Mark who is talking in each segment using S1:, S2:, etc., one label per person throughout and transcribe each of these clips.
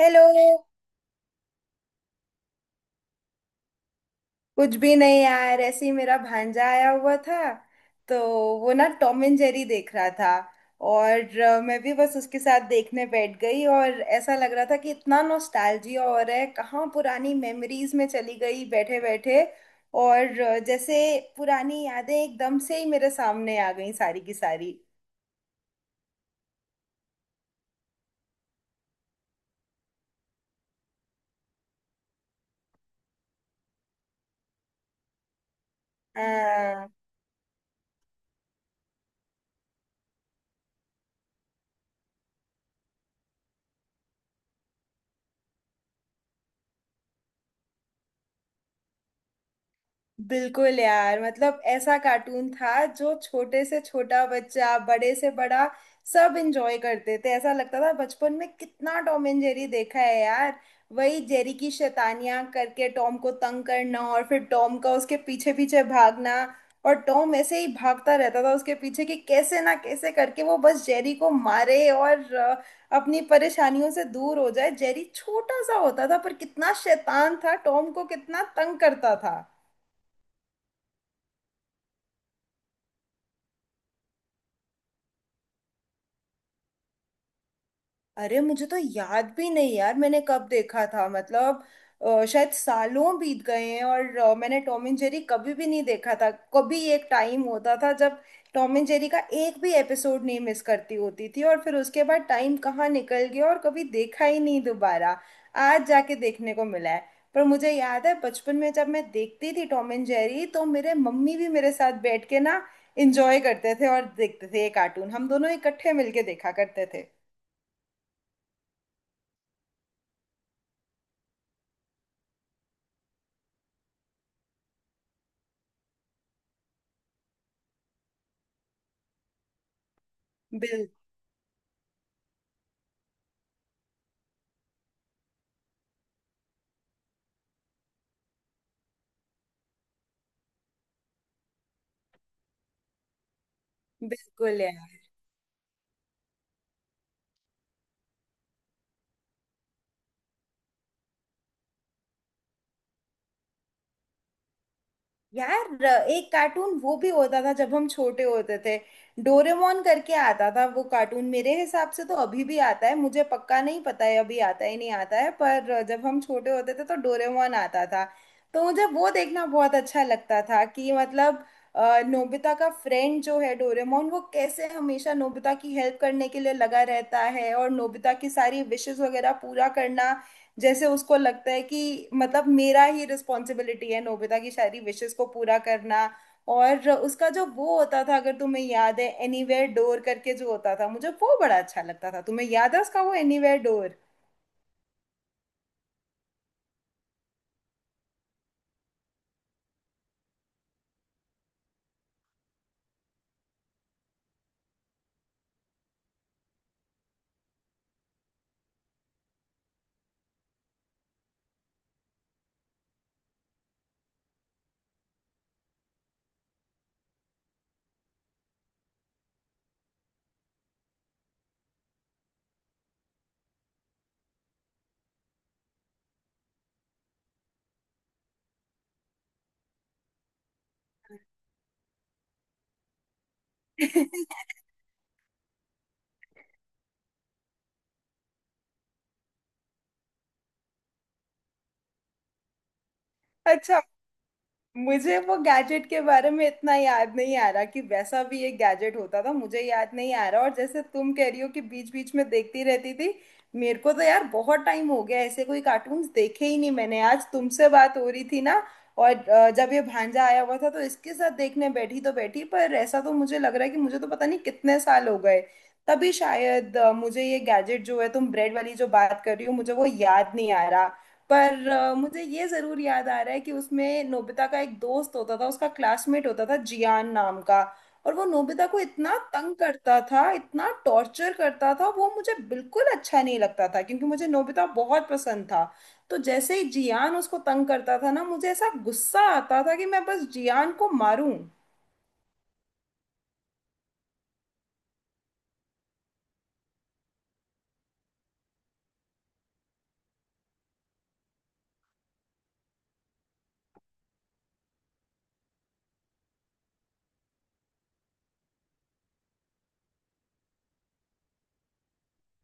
S1: Hello. कुछ भी नहीं यार, ऐसे ही मेरा भांजा आया हुआ था, तो वो ना टॉम एंड जेरी देख रहा था। और मैं भी बस उसके साथ देखने बैठ गई, और ऐसा लग रहा था कि इतना नॉस्टैल्जिया हो रहा है। कहाँ पुरानी मेमोरीज में चली गई बैठे बैठे। और जैसे पुरानी यादें एकदम से ही मेरे सामने आ गई, सारी की सारी। बिल्कुल यार, मतलब ऐसा कार्टून था जो छोटे से छोटा बच्चा, बड़े से बड़ा, सब एंजॉय करते थे। ऐसा लगता था बचपन में कितना टॉम एंड जेरी देखा है यार। वही जेरी की शैतानियां करके टॉम को तंग करना, और फिर टॉम का उसके पीछे पीछे भागना, और टॉम ऐसे ही भागता रहता था उसके पीछे कि कैसे ना कैसे करके वो बस जेरी को मारे और अपनी परेशानियों से दूर हो जाए। जेरी छोटा सा होता था पर कितना शैतान था, टॉम को कितना तंग करता था। अरे मुझे तो याद भी नहीं यार मैंने कब देखा था। मतलब शायद सालों बीत गए हैं, और मैंने टॉम एंड जेरी कभी भी नहीं देखा था। कभी एक टाइम होता था जब टॉम एंड जेरी का एक भी एपिसोड नहीं मिस करती होती थी, और फिर उसके बाद टाइम कहाँ निकल गया और कभी देखा ही नहीं दोबारा। आज जाके देखने को मिला है। पर मुझे याद है बचपन में जब मैं देखती थी टॉम एंड जेरी, तो मेरे मम्मी भी मेरे साथ बैठ के ना इंजॉय करते थे और देखते थे ये कार्टून। हम दोनों इकट्ठे मिलके देखा करते थे। बिल्कुल यार। यार एक कार्टून वो भी होता था जब हम छोटे होते थे, डोरेमोन करके आता था वो कार्टून। मेरे हिसाब से तो अभी भी आता है, मुझे पक्का नहीं पता है अभी आता है नहीं आता है, पर जब हम छोटे होते थे तो डोरेमोन आता था। तो मुझे वो देखना बहुत अच्छा लगता था कि मतलब नोबिता का फ्रेंड जो है डोरेमोन, वो कैसे हमेशा नोबिता की हेल्प करने के लिए लगा रहता है, और नोबिता की सारी विशेस वगैरह पूरा करना। जैसे उसको लगता है कि मतलब मेरा ही रिस्पॉन्सिबिलिटी है नोबिता की सारी विशेस को पूरा करना। और उसका जो वो होता था, अगर तुम्हें याद है, एनीवेयर डोर करके जो होता था, मुझे वो बड़ा अच्छा लगता था। तुम्हें याद है उसका वो एनीवेयर डोर? मुझे वो गैजेट के बारे में इतना याद नहीं आ रहा कि वैसा भी एक गैजेट होता था, मुझे याद नहीं आ रहा। और जैसे तुम कह रही हो कि बीच बीच में देखती रहती थी, मेरे को तो यार बहुत टाइम हो गया ऐसे कोई कार्टून्स देखे ही नहीं मैंने। आज तुमसे बात हो रही थी ना, और जब ये भांजा आया हुआ था तो इसके साथ देखने बैठी तो बैठी, पर ऐसा तो मुझे लग रहा है कि मुझे तो पता नहीं कितने साल हो गए। तभी शायद मुझे ये गैजेट जो है, तुम ब्रेड वाली जो बात कर रही हो, मुझे वो याद नहीं आ रहा। पर मुझे ये जरूर याद आ रहा है कि उसमें नोबिता का एक दोस्त होता था, उसका क्लासमेट होता था जियान नाम का, और वो नोबिता को इतना तंग करता था, इतना टॉर्चर करता था। वो मुझे बिल्कुल अच्छा नहीं लगता था क्योंकि मुझे नोबिता बहुत पसंद था। तो जैसे ही जियान उसको तंग करता था ना, मुझे ऐसा गुस्सा आता था कि मैं बस जियान को मारूं।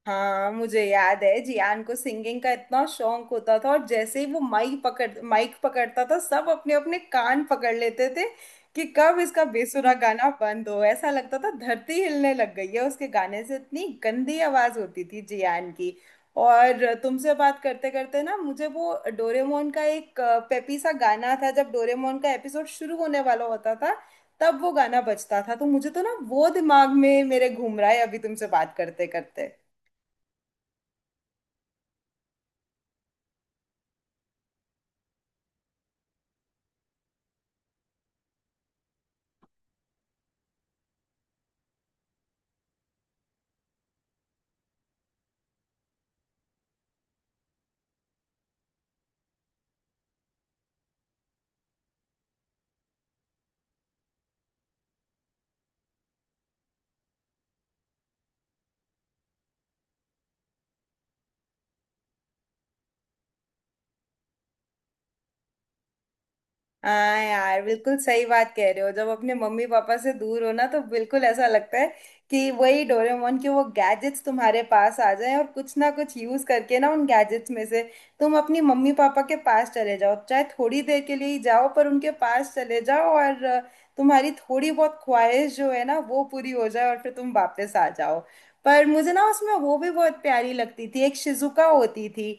S1: हाँ मुझे याद है जियान को सिंगिंग का इतना शौक होता था, और जैसे ही वो माइक पकड़ माइक पकड़ता था सब अपने अपने कान पकड़ लेते थे कि कब इसका बेसुरा गाना बंद हो। ऐसा लगता था धरती हिलने लग गई है उसके गाने से, इतनी गंदी आवाज होती थी जियान की। और तुमसे बात करते करते ना, मुझे वो डोरेमोन का एक पेपी सा गाना था, जब डोरेमोन का एपिसोड शुरू होने वाला होता था तब वो गाना बजता था, तो मुझे तो ना वो दिमाग में मेरे घूम रहा है अभी तुमसे बात करते करते। हाँ यार बिल्कुल सही बात कह रहे हो। जब अपने मम्मी पापा से दूर हो ना, तो बिल्कुल ऐसा लगता है कि वही डोरेमोन के वो गैजेट्स तुम्हारे पास आ जाएं, और कुछ ना कुछ यूज करके ना उन गैजेट्स में से तुम अपनी मम्मी पापा के पास चले जाओ। चाहे थोड़ी देर के लिए ही जाओ, पर उनके पास चले जाओ और तुम्हारी थोड़ी बहुत ख्वाहिश जो है ना वो पूरी हो जाए, और फिर तुम वापस आ जाओ। पर मुझे ना उसमें वो भी बहुत प्यारी लगती थी, एक शिजुका होती थी।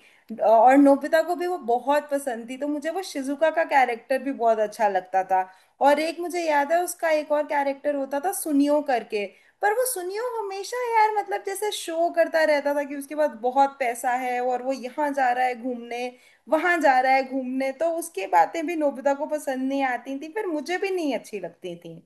S1: और नोबिता को भी वो बहुत पसंद थी, तो मुझे वो शिजुका का कैरेक्टर भी बहुत अच्छा लगता था। और एक मुझे याद है उसका एक और कैरेक्टर होता था सुनियो करके, पर वो सुनियो हमेशा यार मतलब जैसे शो करता रहता था कि उसके पास बहुत पैसा है और वो यहाँ जा रहा है घूमने, वहां जा रहा है घूमने, तो उसकी बातें भी नोबिता को पसंद नहीं आती थी, फिर मुझे भी नहीं अच्छी लगती थी।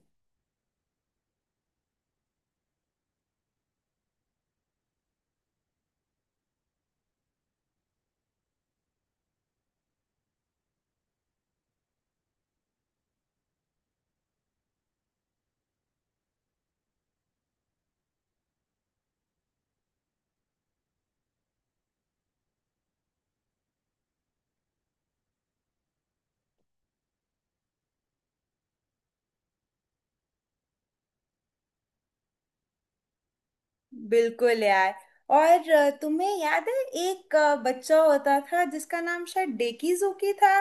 S1: बिल्कुल यार। और तुम्हें याद है, एक बच्चा होता था जिसका नाम शायद डेकीजुकी था,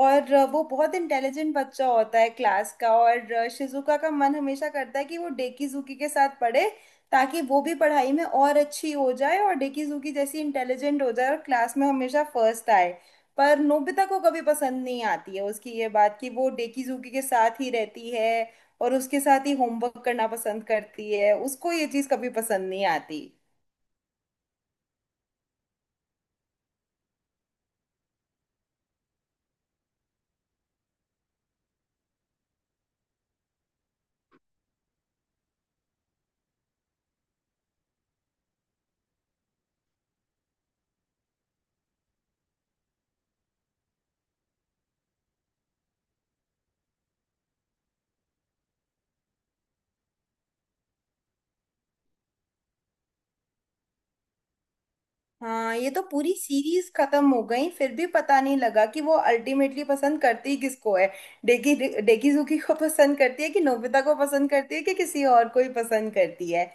S1: और वो बहुत इंटेलिजेंट बच्चा होता है क्लास का। और शिजुका का मन हमेशा करता है कि वो डेकीजुकी के साथ पढ़े, ताकि वो भी पढ़ाई में और अच्छी हो जाए और डेकीजुकी जैसी इंटेलिजेंट हो जाए और क्लास में हमेशा फर्स्ट आए। पर नोबिता को कभी पसंद नहीं आती है उसकी ये बात कि वो डेकीजुकी के साथ ही रहती है और उसके साथ ही होमवर्क करना पसंद करती है। उसको ये चीज कभी पसंद नहीं आती। हाँ, ये तो पूरी सीरीज खत्म हो गई फिर भी पता नहीं लगा कि वो अल्टीमेटली पसंद करती किसको है। डेकी डेकीजुकी को पसंद करती है, कि नोबिता को पसंद करती है, कि किसी और को ही पसंद करती है।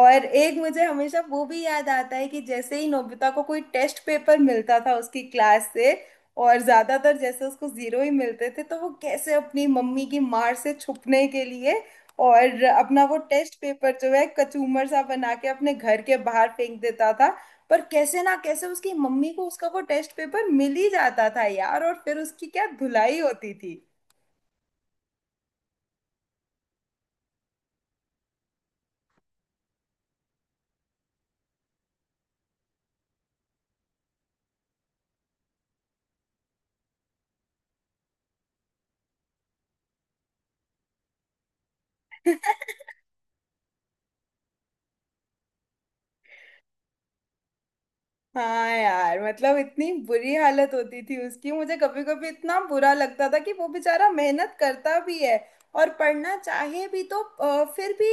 S1: और एक मुझे हमेशा वो भी याद आता है कि जैसे ही नोबिता को कोई टेस्ट पेपर मिलता था उसकी क्लास से, और ज्यादातर जैसे उसको जीरो ही मिलते थे, तो वो कैसे अपनी मम्मी की मार से छुपने के लिए, और अपना वो टेस्ट पेपर जो है कचूमर सा बना के अपने घर के बाहर फेंक देता था। पर कैसे ना कैसे उसकी मम्मी को उसका वो टेस्ट पेपर मिल ही जाता था यार, और फिर उसकी क्या धुलाई होती थी। हाँ यार, मतलब इतनी बुरी हालत होती थी उसकी, मुझे कभी कभी इतना बुरा लगता था कि वो बेचारा मेहनत करता भी है और पढ़ना चाहे भी तो फिर भी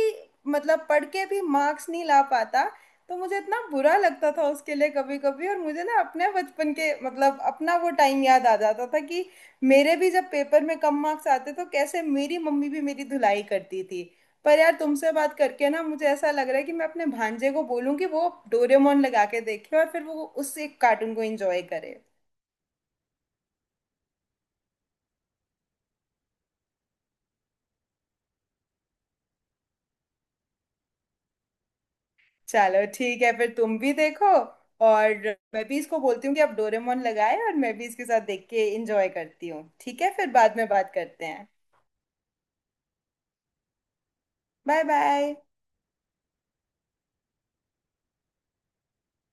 S1: मतलब पढ़ के भी मार्क्स नहीं ला पाता। तो मुझे इतना बुरा लगता था उसके लिए कभी कभी, और मुझे ना अपने बचपन के मतलब अपना वो टाइम याद आ जाता था कि मेरे भी जब पेपर में कम मार्क्स आते तो कैसे मेरी मम्मी भी मेरी धुलाई करती थी। पर यार तुमसे बात करके ना मुझे ऐसा लग रहा है कि मैं अपने भांजे को बोलूं कि वो डोरेमोन लगा के देखे, और फिर वो उस एक कार्टून को एंजॉय करे। चलो ठीक है, फिर तुम भी देखो। और मैं भी इसको बोलती हूँ कि आप डोरेमोन लगाए और मैं भी इसके साथ देख के एंजॉय करती हूँ। ठीक है, फिर बाद में बात करते हैं। Bye bye.